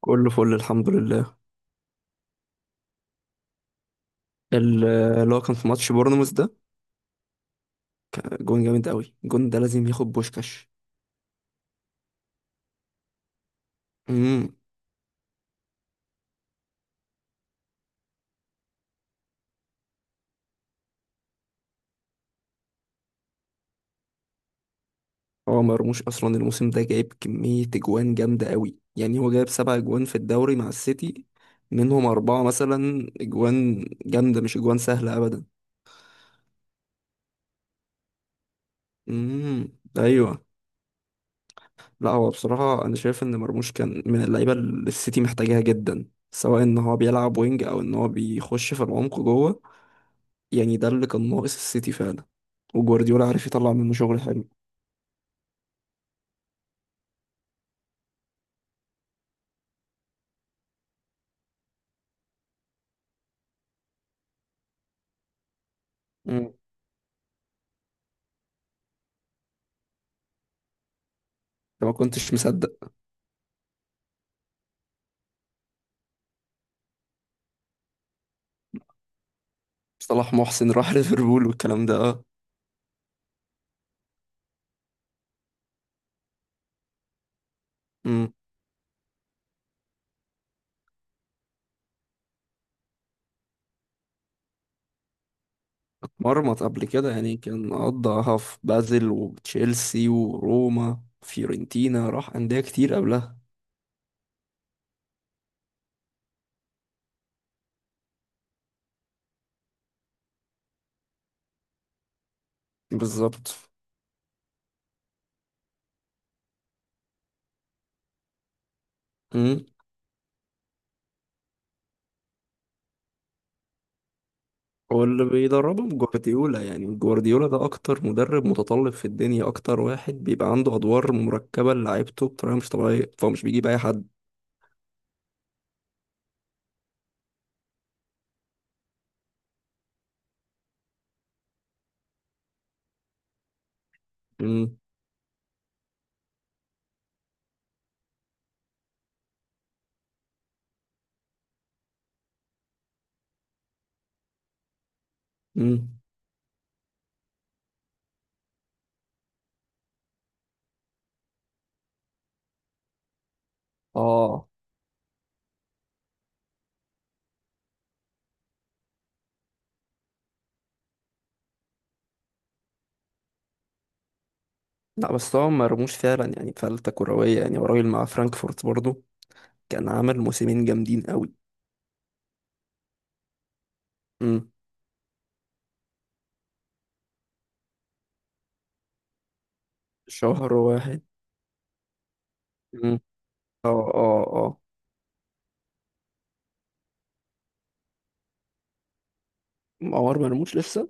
كله فل الحمد لله. اللي هو كان في ماتش بورنموث ده. جون جامد قوي، الجون ده لازم ياخد بوشكاش. امم هو مرموش اصلا الموسم ده جايب كمية اجوان جامدة قوي، يعني هو جايب سبع اجوان في الدوري مع السيتي، منهم اربعة مثلا اجوان جامدة مش اجوان سهلة ابدا. امم ايوه. لا هو بصراحة انا شايف ان مرموش كان من اللعيبة اللي السيتي محتاجاها جدا، سواء ان هو بيلعب وينج او ان هو بيخش في العمق جوه. يعني ده اللي كان ناقص السيتي فعلا، وجوارديولا عارف يطلع منه شغل حلو. امم انت ما كنتش مصدق؟ صلاح محسن راح ليفربول والكلام ده اه. امم اتمرمط قبل كده يعني، كان قضاها في بازل وتشيلسي وروما فيورنتينا، راح أندية كتير قبلها. بالظبط. امم واللي بيدربهم جوارديولا، يعني جوارديولا ده أكتر مدرب متطلب في الدنيا، أكتر واحد بيبقى عنده أدوار مركبة لعيبته بطريقة مش طبيعية، فهو مش بيجيب أي حد. امم امم اه. لا بس هو مرموش فعلا يعني فلتة كروية، يعني هو راجل مع فرانكفورت برضه كان عامل موسمين جامدين قوي. امم شهر واحد. امم اه اه اه. عمر مرموش لسه.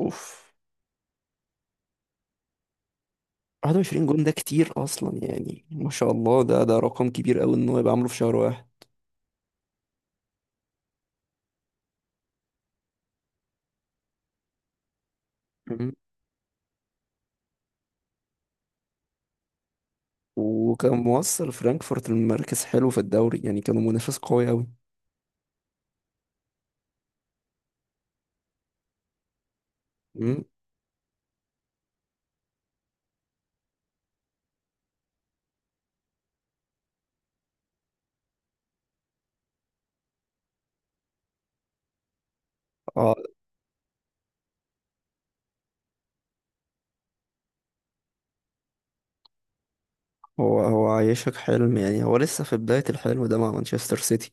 اوف. 21 جون ده كتير اصلا، يعني ما شاء الله ده رقم كبير قوي ان هو يبقى عامله في شهر واحد. امم وكان موصل فرانكفورت لمركز حلو في الدوري، يعني كانوا منافس قوي قوي. امم اه. هو هو عايشك حلم، يعني هو لسه في بداية الحلم ده مع مانشستر سيتي.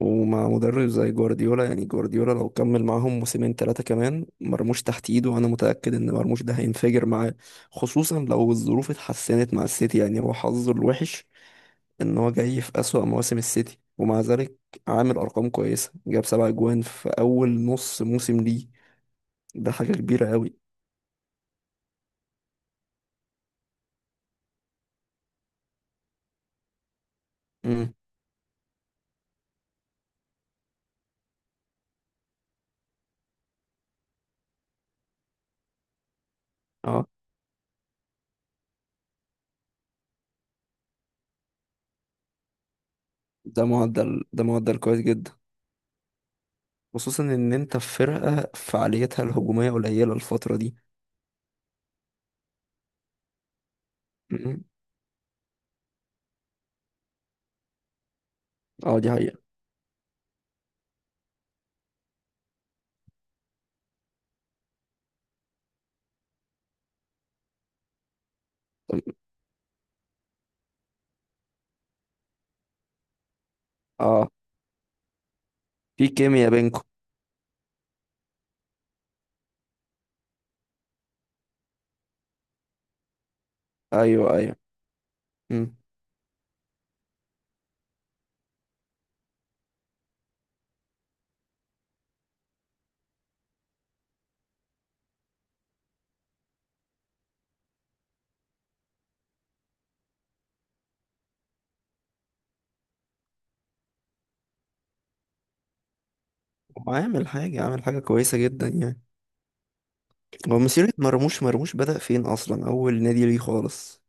ومع مدرب زي جوارديولا، يعني جوارديولا لو كمل معاهم موسمين ثلاثة كمان، مرموش تحت ايده وانا متأكد ان مرموش ده هينفجر معاه. خصوصا لو الظروف اتحسنت مع السيتي، يعني هو حظه الوحش ان هو جاي في أسوأ مواسم السيتي، ومع ذلك عامل ارقام كويسة، جاب سبع اجوان في اول نص موسم ليه. ده حاجة كبيرة قوي. امم اه. ده معدل كويس جدا، خصوصا ان انت في فرقة فعاليتها الهجومية قليلة الفترة دي. مم. اه دي حقيقة. اه في كيمياء بينكم. ايوه ايوه. امم وعامل حاجة كويسة جدا يعني. هو مسيرة مرموش، مرموش بدأ فين أصلا، أول نادي ليه خالص؟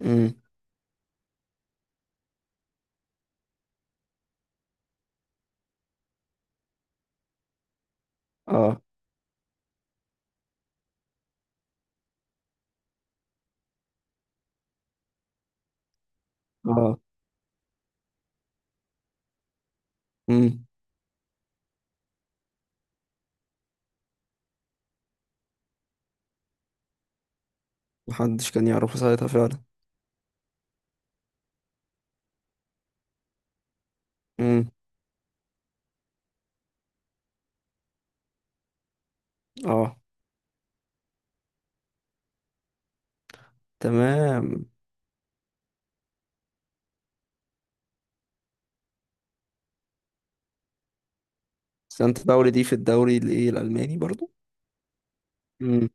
امم اه اه. امم محدش كان يعرفه ساعتها فعلا. امم اه تمام. سانت باولي دي في الدوري الايه الألماني برضو؟ امم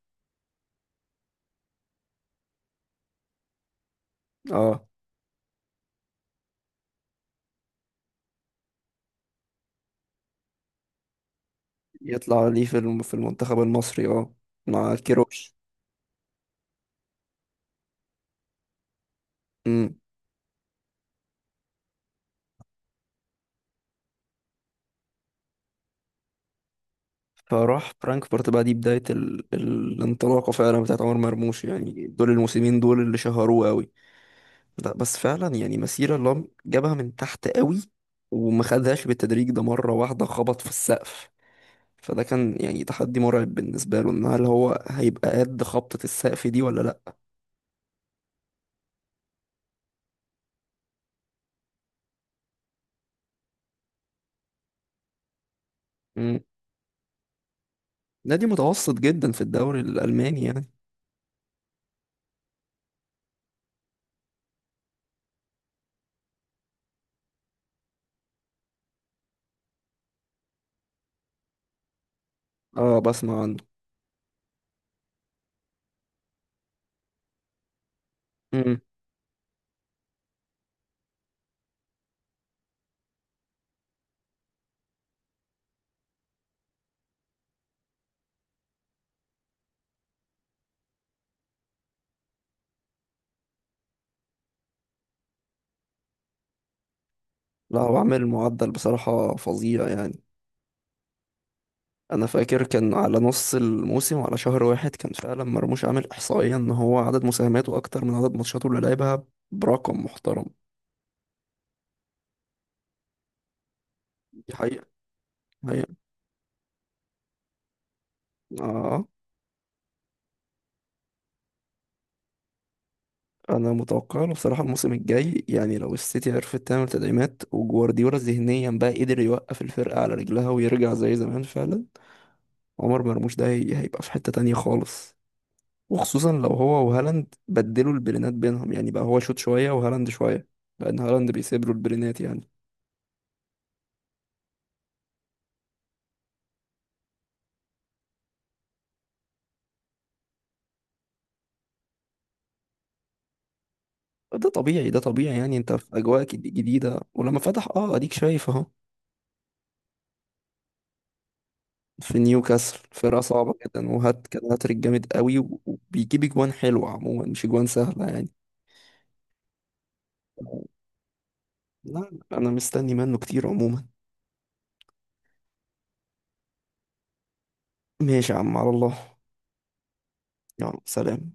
اه. يطلع ليه في في المنتخب المصري، اه مع كيروش. امم فراح فرانكفورت بقى، دي بداية الانطلاقة فعلا بتاعت عمر مرموش، يعني دول الموسمين دول اللي شهروه قوي. لا بس فعلا يعني مسيرة لام جابها من تحت قوي، وما خدهاش بالتدريج، ده مرة واحدة خبط في السقف. فده كان يعني تحدي مرعب بالنسبة له، ان هل هو هيبقى قد خبطة السقف دي ولا لا؟ مم. نادي متوسط جدا في الدوري الألماني يعني. اه بسمع عنه. مم. لا هو عامل معدل بصراحة فظيع يعني. انا فاكر كان على نص الموسم وعلى شهر واحد، كان فعلا مرموش عامل احصائية ان هو عدد مساهماته اكتر من عدد ماتشاته اللي لعبها برقم محترم. دي حقيقة. هي اه. انا متوقع له بصراحه الموسم الجاي، يعني لو السيتي عرفت تعمل تدعيمات وجوارديولا ذهنيا بقى قدر يوقف الفرقه على رجلها ويرجع زي زمان، فعلا عمر مرموش ده هيبقى في حته تانية خالص. وخصوصا لو هو وهالاند بدلوا البلينات بينهم، يعني بقى هو شوت شويه وهالاند شويه، لان هالاند بيسيب له البلينات يعني. ده طبيعي ده طبيعي يعني، انت في اجواء جديده. ولما فتح اه اديك شايف اهو. في نيوكاسل، فرقه صعبه جدا، وهات كان هاتريك جامد قوي، وبيجيب اجوان حلوه عموما مش اجوان سهله يعني. لا انا مستني منه كتير عموما. ماشي يا عم، على الله. يلا سلام.